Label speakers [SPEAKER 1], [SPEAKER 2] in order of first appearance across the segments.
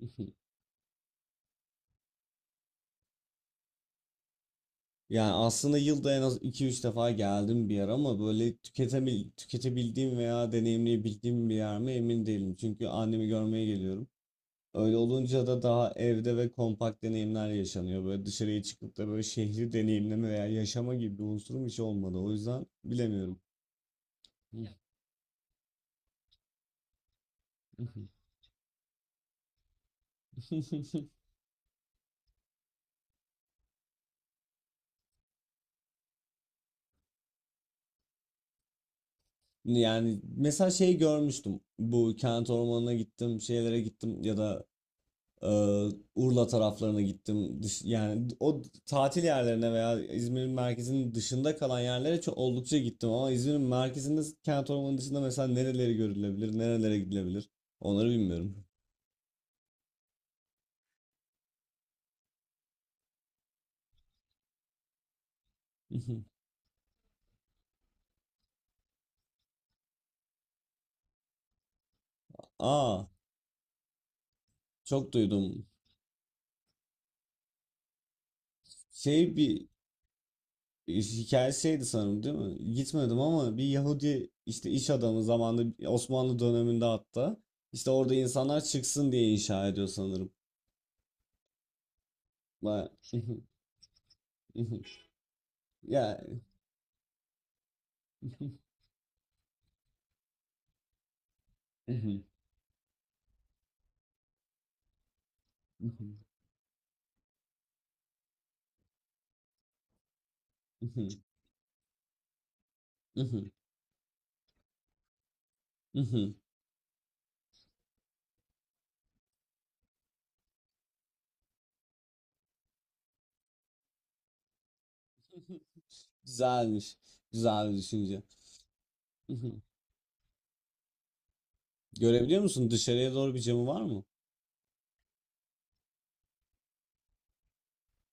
[SPEAKER 1] Yani aslında yılda en az iki üç defa geldim bir yer ama böyle tüketebildiğim veya deneyimleyebildiğim bir yer mi emin değilim. Çünkü annemi görmeye geliyorum. Öyle olunca da daha evde ve kompakt deneyimler yaşanıyor. Böyle dışarıya çıkıp da böyle şehri deneyimleme veya yaşama gibi bir unsurum hiç olmadı. O yüzden bilemiyorum. Yani mesela şey görmüştüm. Bu kent ormanına gittim, şeylere gittim ya da Ee, Urla taraflarına gittim. Yani o tatil yerlerine veya İzmir'in merkezinin dışında kalan yerlere çok oldukça gittim ama İzmir'in merkezinde kent ormanı dışında mesela nereleri görülebilir, nerelere gidilebilir onları bilmiyorum. Aa, çok duydum. Şey bir hikaye şeydi sanırım değil mi? Gitmedim ama bir Yahudi işte iş adamı zamanında Osmanlı döneminde hatta işte orada insanlar çıksın diye inşa ediyor sanırım. Ba- Ya. Hı hı, hı hı, hı. Güzelmiş. Güzel bir düşünce. Hı. Görebiliyor musun? Dışarıya doğru bir camı var mı?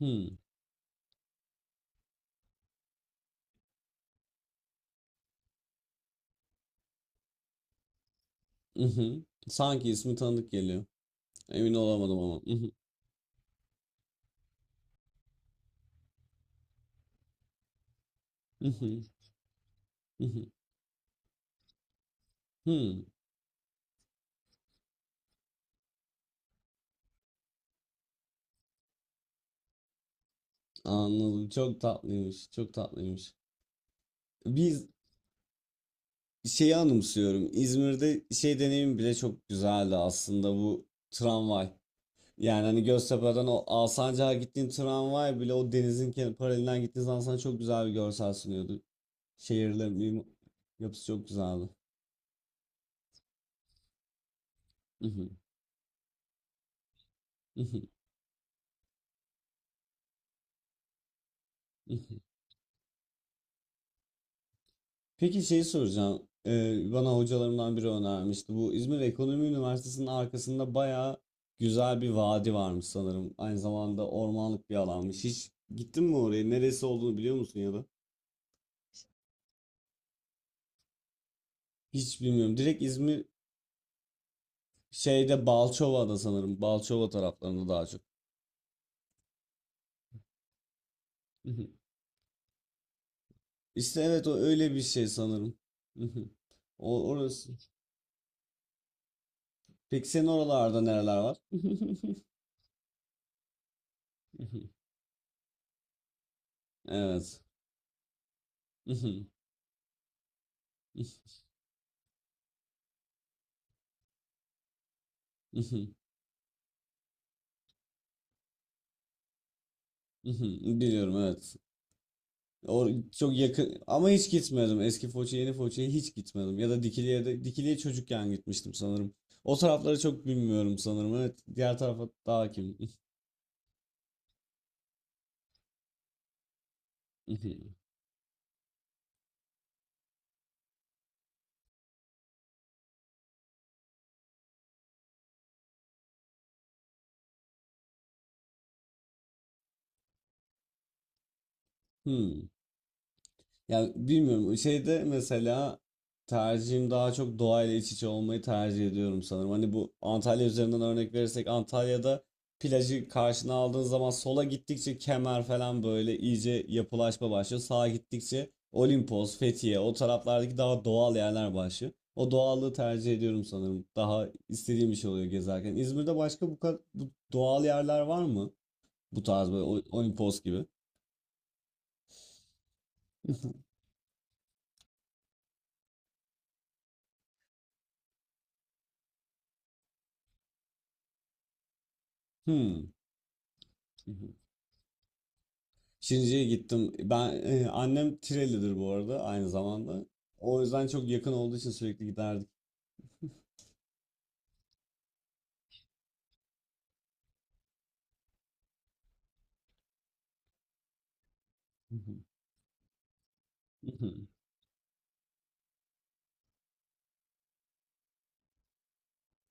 [SPEAKER 1] Hı hı. Sanki ismi tanıdık geliyor. Emin olamadım ama. Hı hı, hı hı. Anladım. Çok tatlıymış. Çok tatlıymış. Biz şeyi anımsıyorum. İzmir'de şey deneyim bile çok güzeldi aslında bu tramvay. Yani hani Göztepe'den o Alsancak'a gittiğin tramvay bile o denizin paralelinden gittiğin zaman sana çok güzel bir görsel sunuyordu. Şehirlerin uyum yapısı çok güzeldi. Hı hı, hı hı, hı hı. Peki şeyi soracağım. Bana hocalarımdan biri önermişti. Bu İzmir Ekonomi Üniversitesi'nin arkasında bayağı güzel bir vadi varmış sanırım. Aynı zamanda ormanlık bir alanmış. Hiç gittin mi oraya? Neresi olduğunu biliyor musun ya da? Hiç bilmiyorum. Direkt İzmir şeyde Balçova'da sanırım. Balçova taraflarında daha çok. Hı hı. İşte evet o öyle bir şey sanırım. Hı hı. O orası. Peki senin oralarda nereler var? Evet. Mhm, mhm, mhm. Biliyorum evet. Çok yakın ama hiç gitmedim. Eski Foça, yeni Foça'ya hiç gitmedim. Ya da Dikili'ye çocukken gitmiştim sanırım. O tarafları çok bilmiyorum sanırım. Evet, diğer tarafa daha hakim. Ya bilmiyorum şeyde mesela tercihim daha çok doğayla iç içe olmayı tercih ediyorum sanırım. Hani bu Antalya üzerinden örnek verirsek Antalya'da plajı karşına aldığın zaman sola gittikçe Kemer falan böyle iyice yapılaşma başlıyor. Sağa gittikçe Olimpos, Fethiye o taraflardaki daha doğal yerler başlıyor. O doğallığı tercih ediyorum sanırım. Daha istediğim bir şey oluyor gezerken. İzmir'de başka bu kadar bu doğal yerler var mı? Bu tarz böyle Olimpos gibi. Hmm. Şirince'ye gittim. Ben annem Tireli'dir bu arada aynı zamanda. O yüzden çok yakın olduğu için sürekli giderdik.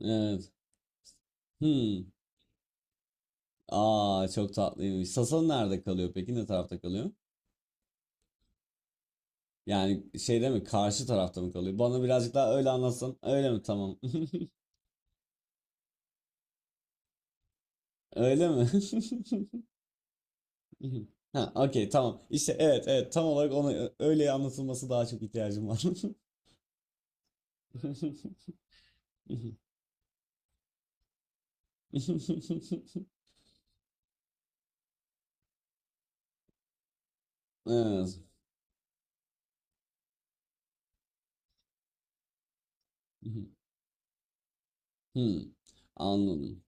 [SPEAKER 1] Evet. Hmm. Aa çok tatlıymış. Sasan nerede kalıyor peki? Ne tarafta kalıyor? Yani şeyde mi? Karşı tarafta mı kalıyor? Bana birazcık daha öyle anlatsan. Öyle mi? Tamam. Öyle mi? Ha, okey tamam. İşte evet, evet, tam olarak ona öyle anlatılması daha çok ihtiyacım var. Evet. Hmm. Anladım.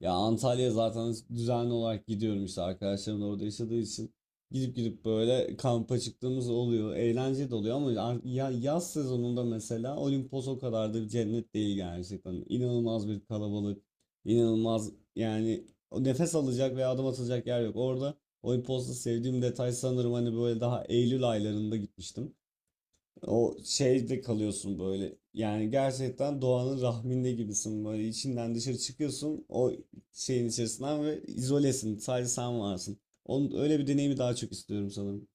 [SPEAKER 1] Ya Antalya zaten düzenli olarak gidiyorum işte arkadaşlarım da orada yaşadığı için. Gidip gidip böyle kampa çıktığımız oluyor. Eğlenceli de oluyor ama ya yaz sezonunda mesela Olimpos o kadar da bir cennet değil gerçekten. İnanılmaz bir kalabalık. İnanılmaz yani o nefes alacak veya adım atılacak yer yok. Orada Olimpos'ta sevdiğim detay sanırım hani böyle daha Eylül aylarında gitmiştim. O şeyde kalıyorsun böyle. Yani gerçekten doğanın rahminde gibisin böyle. İçinden dışarı çıkıyorsun o şeyin içerisinden ve izolesin. Sadece sen varsın. Onun öyle bir deneyimi daha çok istiyorum sanırım.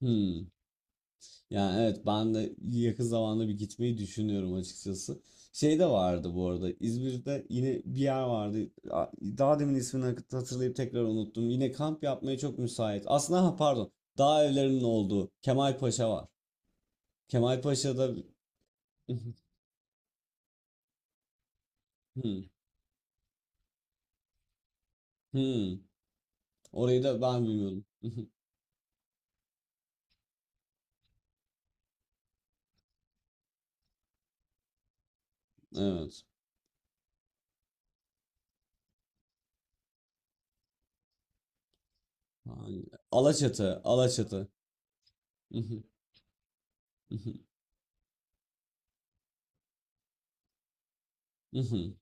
[SPEAKER 1] Yani evet, ben de yakın zamanda bir gitmeyi düşünüyorum açıkçası. Şey de vardı bu arada, İzmir'de yine bir yer vardı. Daha demin ismini hatırlayıp tekrar unuttum. Yine kamp yapmaya çok müsait. Aslında ha, pardon, dağ evlerinin olduğu Kemalpaşa var. Kemalpaşa'da. Hmm, hmm. Orayı da ben bilmiyordum. Evet. Hangi- Alaçatı, Alaçatı.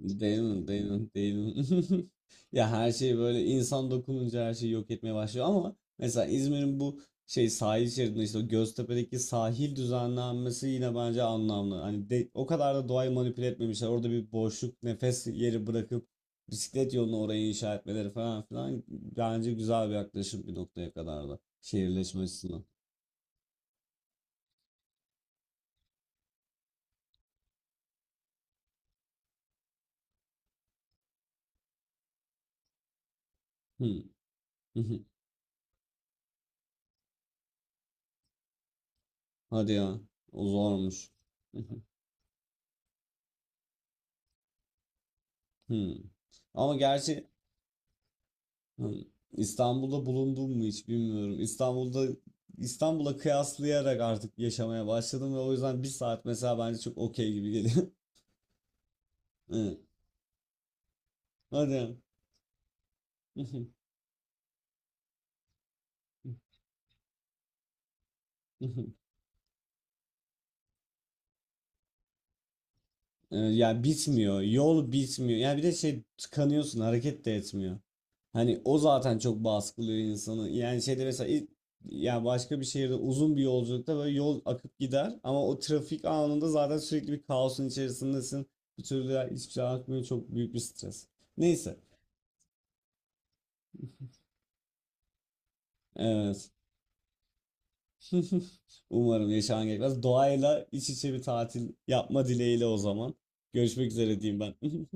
[SPEAKER 1] Değil mi? Değil mi? Değil mi? Ya her şey böyle insan dokununca her şeyi yok etmeye başlıyor, ama mesela İzmir'in bu şey sahil şeridinde işte o Göztepe'deki sahil düzenlenmesi yine bence anlamlı. Hani o kadar da doğayı manipüle etmemişler. Orada bir boşluk, nefes yeri bırakıp bisiklet yolunu oraya inşa etmeleri falan filan bence güzel bir yaklaşım bir noktaya kadar da şehirleşme açısından. Hı. Hadi ya. O zormuş. Hı. Ama gerçi. Hı. İstanbul'da bulundum mu hiç bilmiyorum. İstanbul'a kıyaslayarak artık yaşamaya başladım ve o yüzden bir saat mesela bence çok okey gibi geliyor. Evet. Hadi. Ya bitmiyor. Yol bitmiyor. Yani bir de şey, tıkanıyorsun. Hareket de etmiyor. Hani o zaten çok baskılıyor insanı. Yani şeyde mesela ya başka bir şehirde uzun bir yolculukta böyle yol akıp gider ama o trafik anında zaten sürekli bir kaosun içerisindesin. Bir türlü ya, hiçbir şey akmıyor. Çok büyük bir stres. Neyse. Evet. Umarım yaşaman gerekmez. Doğayla iç içe bir tatil yapma dileğiyle o zaman. Görüşmek üzere diyeyim ben.